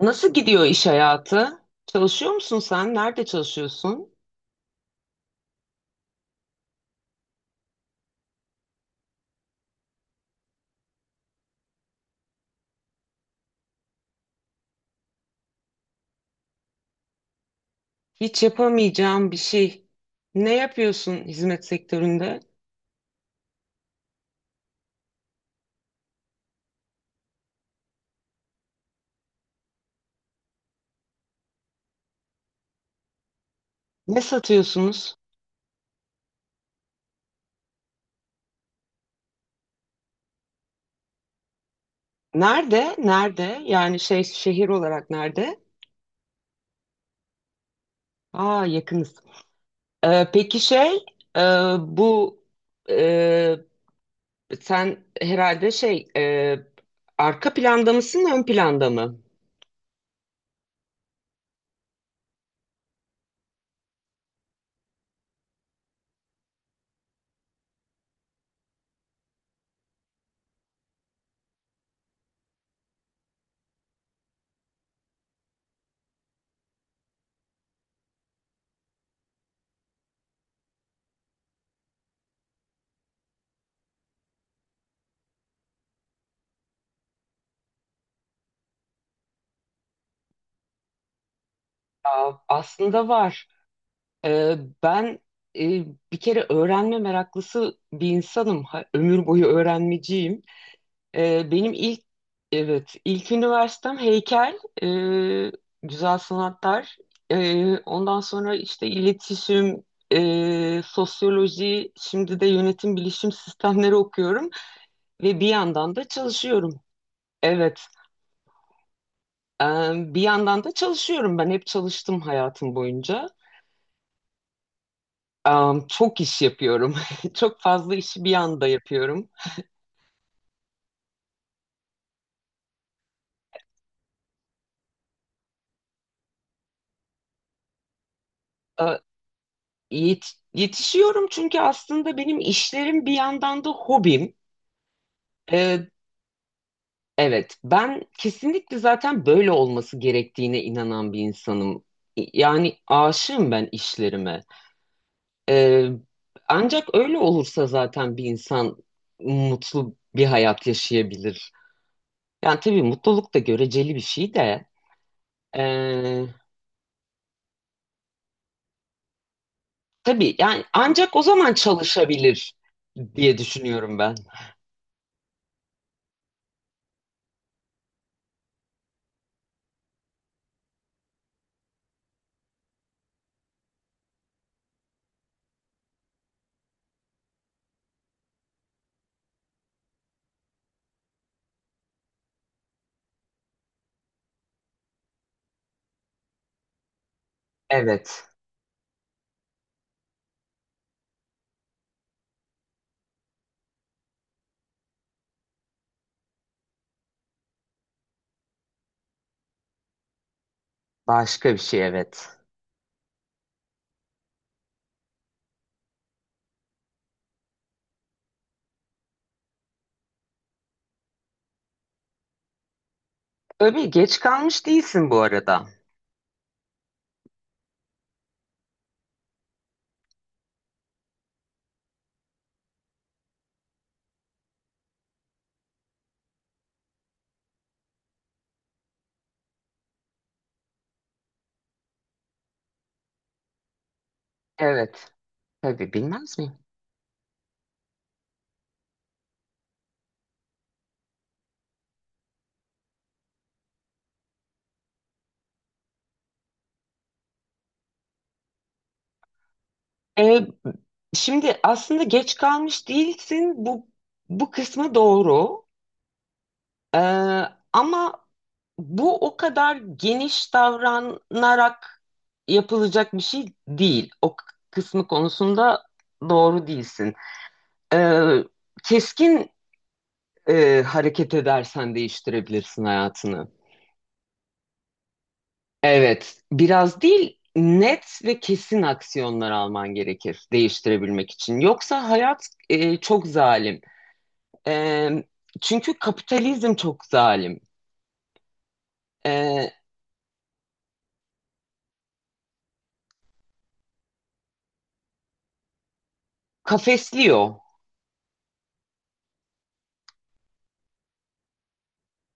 Nasıl gidiyor iş hayatı? Çalışıyor musun sen? Nerede çalışıyorsun? Hiç yapamayacağım bir şey. Ne yapıyorsun hizmet sektöründe? Ne satıyorsunuz? Nerede? Nerede? Yani şey şehir olarak nerede? Aa, yakınız. Peki şey e, bu e, sen herhalde şey arka planda mısın, ön planda mı? Aa, aslında var. Ee, ben e, Bir kere öğrenme meraklısı bir insanım. Ömür boyu öğrenmeciyim. Benim evet ilk üniversitem heykel, güzel sanatlar. Ondan sonra işte iletişim, sosyoloji, şimdi de yönetim bilişim sistemleri okuyorum ve bir yandan da çalışıyorum. Evet, e, bir yandan da çalışıyorum. Ben hep çalıştım hayatım boyunca. Çok iş yapıyorum. Çok fazla işi bir anda yapıyorum. A, Yetişiyorum, çünkü aslında benim işlerim bir yandan da hobim. E, evet, ben kesinlikle zaten böyle olması gerektiğine inanan bir insanım. Yani aşığım ben işlerime. E, Ancak öyle olursa zaten bir insan mutlu bir hayat yaşayabilir. Yani tabii mutluluk da göreceli bir şey de. E, Tabii, yani ancak o zaman çalışabilir diye düşünüyorum ben. Evet. Başka bir şey, evet. Tabii geç kalmış değilsin bu arada. Evet. Tabii bilmez miyim? Ee, Şimdi aslında geç kalmış değilsin, bu kısmı doğru. Ee, Ama bu o kadar geniş davranarak yapılacak bir şey değil. Kısmı konusunda doğru değilsin. Ee, keskin Hareket edersen değiştirebilirsin hayatını. Evet, biraz değil, net ve kesin aksiyonlar alman gerekir değiştirebilmek için. Yoksa hayat, çok zalim. Ee, Çünkü kapitalizm çok zalim. Ee, Kafesliyor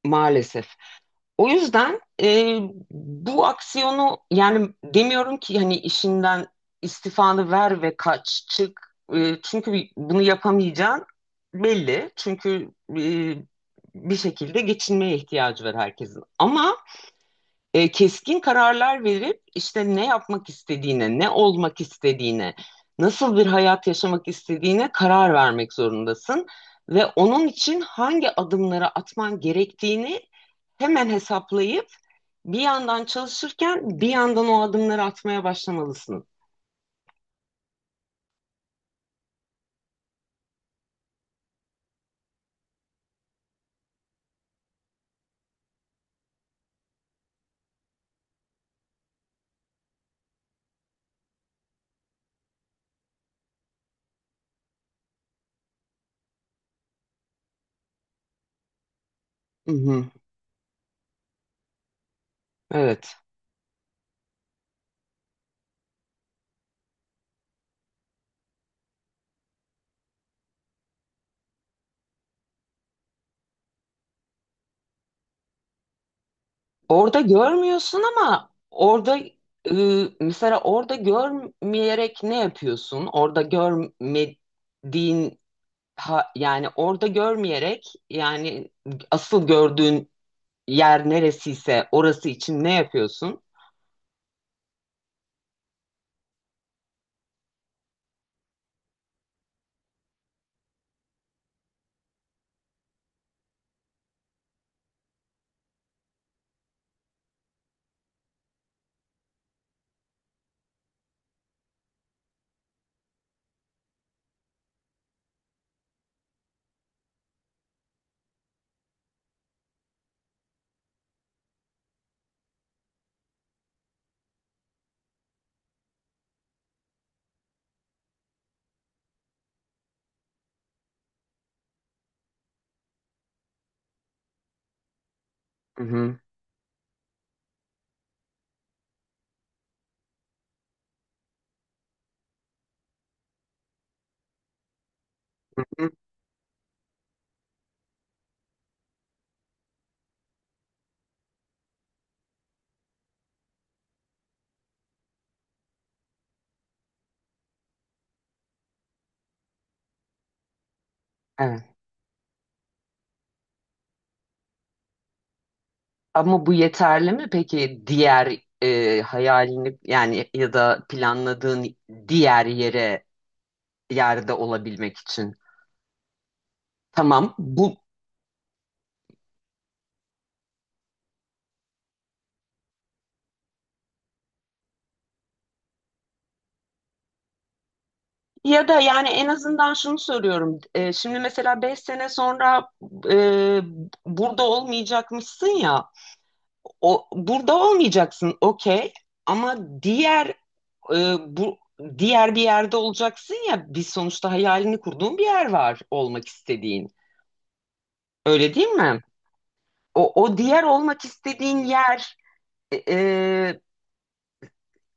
maalesef. O yüzden bu aksiyonu, yani demiyorum ki hani işinden istifanı ver ve kaç çık. Çünkü bunu yapamayacağın belli. Çünkü bir şekilde geçinmeye ihtiyacı var herkesin. Ama keskin kararlar verip işte ne yapmak istediğine, ne olmak istediğine, nasıl bir hayat yaşamak istediğine karar vermek zorundasın. Ve onun için hangi adımları atman gerektiğini hemen hesaplayıp bir yandan çalışırken bir yandan o adımları atmaya başlamalısın. Hı hı. Evet. Orada görmüyorsun, ama orada e, mesela orada görmeyerek ne yapıyorsun? Orada görmediğin, yani orada görmeyerek, yani asıl gördüğün yer neresiyse orası için ne yapıyorsun? Hı hı. Hı hı. Evet. Ama bu yeterli mi peki diğer, hayalini yani ya da planladığın diğer yerde olabilmek için? Tamam, bu ya da yani en azından şunu söylüyorum. Şimdi mesela 5 sene sonra e, burada olmayacakmışsın ya. O, burada olmayacaksın, okey, ama diğer, e, bu diğer bir yerde olacaksın ya. Biz sonuçta hayalini kurduğun bir yer var, olmak istediğin. Öyle değil mi? O diğer olmak istediğin yer e, e,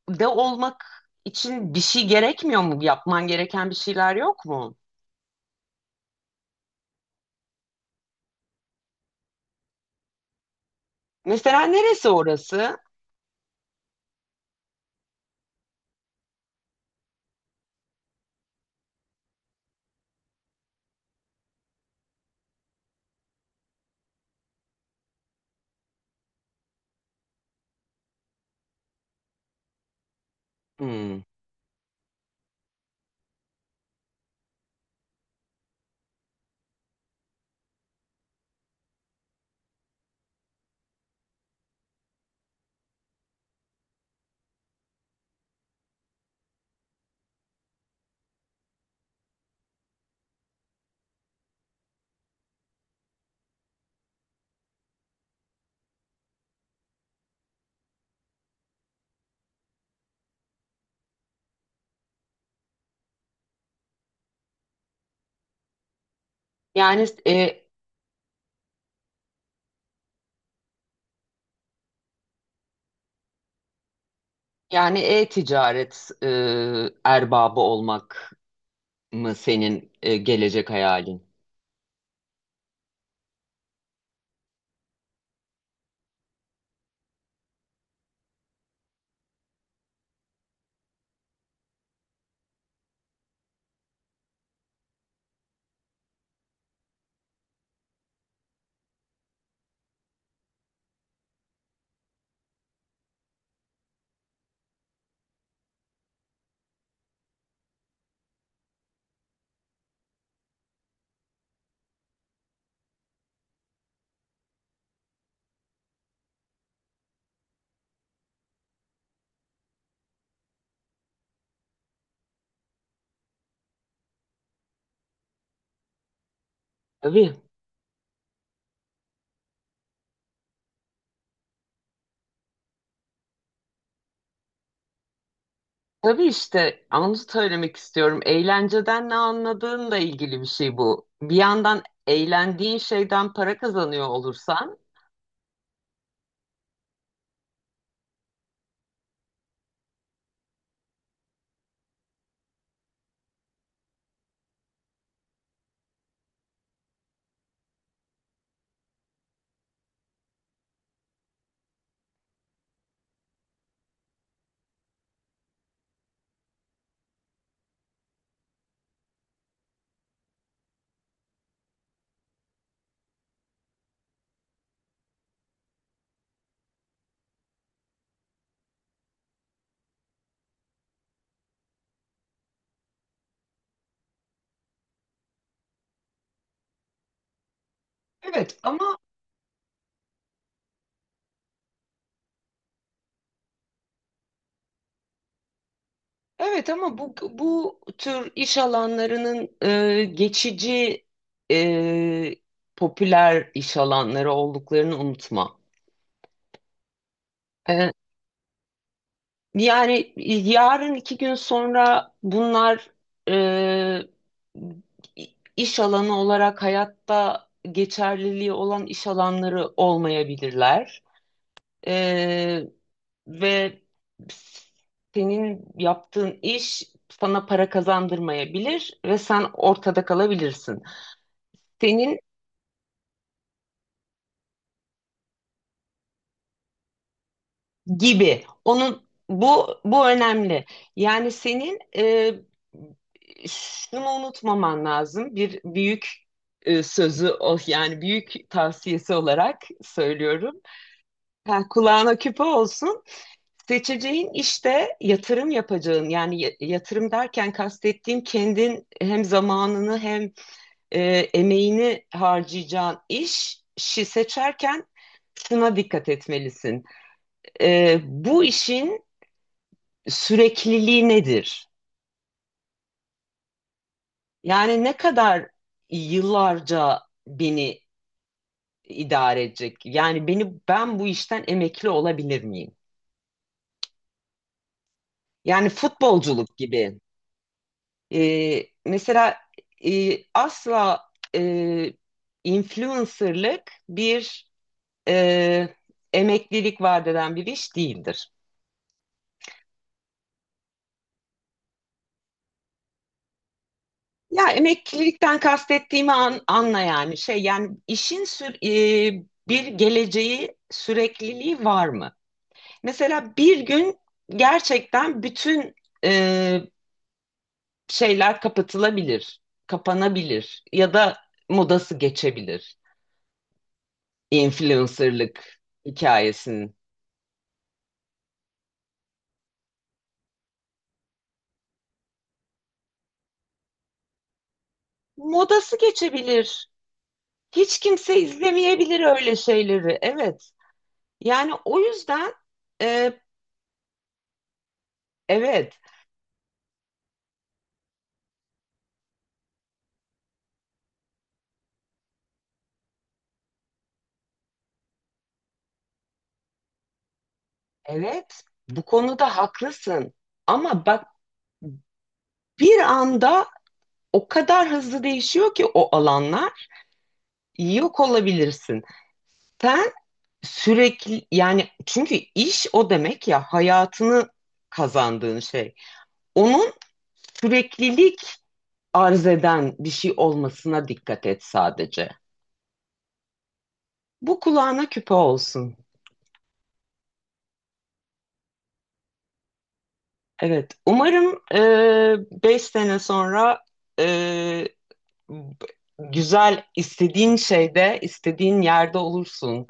de olmak için bir şey gerekmiyor mu? Yapman gereken bir şeyler yok mu? Mesela neresi orası? Hmm. Yani yani e-ticaret erbabı olmak mı senin gelecek hayalin? Tabii. Tabii, işte onu söylemek istiyorum. Eğlenceden ne anladığınla ilgili bir şey bu. Bir yandan eğlendiğin şeyden para kazanıyor olursan, Evet ama Evet ama bu tür iş alanlarının geçici, e, popüler iş alanları olduklarını unutma. E, Yani yarın iki gün sonra bunlar e, iş alanı olarak hayatta geçerliliği olan iş alanları olmayabilirler. Ee, Ve senin yaptığın iş sana para kazandırmayabilir ve sen ortada kalabilirsin. Senin gibi. Onun, bu önemli. Yani senin, şunu unutmaman lazım. Bir büyük sözü o, yani büyük tavsiyesi olarak söylüyorum. Ha, kulağına küpe olsun. Seçeceğin işte yatırım yapacağın, yani yatırım derken kastettiğim kendin hem zamanını hem e, emeğini harcayacağın işi seçerken şuna dikkat etmelisin. Bu işin sürekliliği nedir? Yani ne kadar yıllarca beni idare edecek? Yani ben bu işten emekli olabilir miyim? Yani futbolculuk gibi. Mesela asla e, influencerlık bir e, emeklilik vaat eden bir iş değildir. Ya emeklilikten kastettiğimi anla, yani şey, yani işin bir geleceği, sürekliliği var mı? Mesela bir gün gerçekten bütün e, şeyler kapatılabilir, kapanabilir ya da modası geçebilir influencerlık hikayesinin. Modası geçebilir. Hiç kimse izlemeyebilir öyle şeyleri. Evet. Yani o yüzden e, evet, evet bu konuda haklısın. Ama bak, bir anda o kadar hızlı değişiyor ki o alanlar, yok olabilirsin. Sen sürekli, yani çünkü iş o demek ya, hayatını kazandığın şey. Onun süreklilik arz eden bir şey olmasına dikkat et sadece. Bu kulağına küpe olsun. Evet, umarım 5 sene sonra e, b- güzel, istediğin şeyde, istediğin yerde olursun.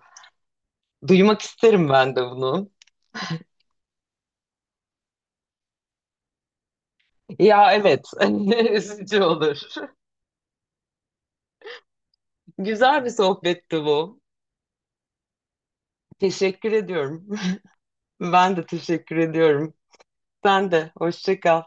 Duymak isterim ben de bunu. Ya evet, üzücü olur. Güzel bir sohbetti bu. Teşekkür ediyorum. Ben de teşekkür ediyorum. Sen de, hoşça kal.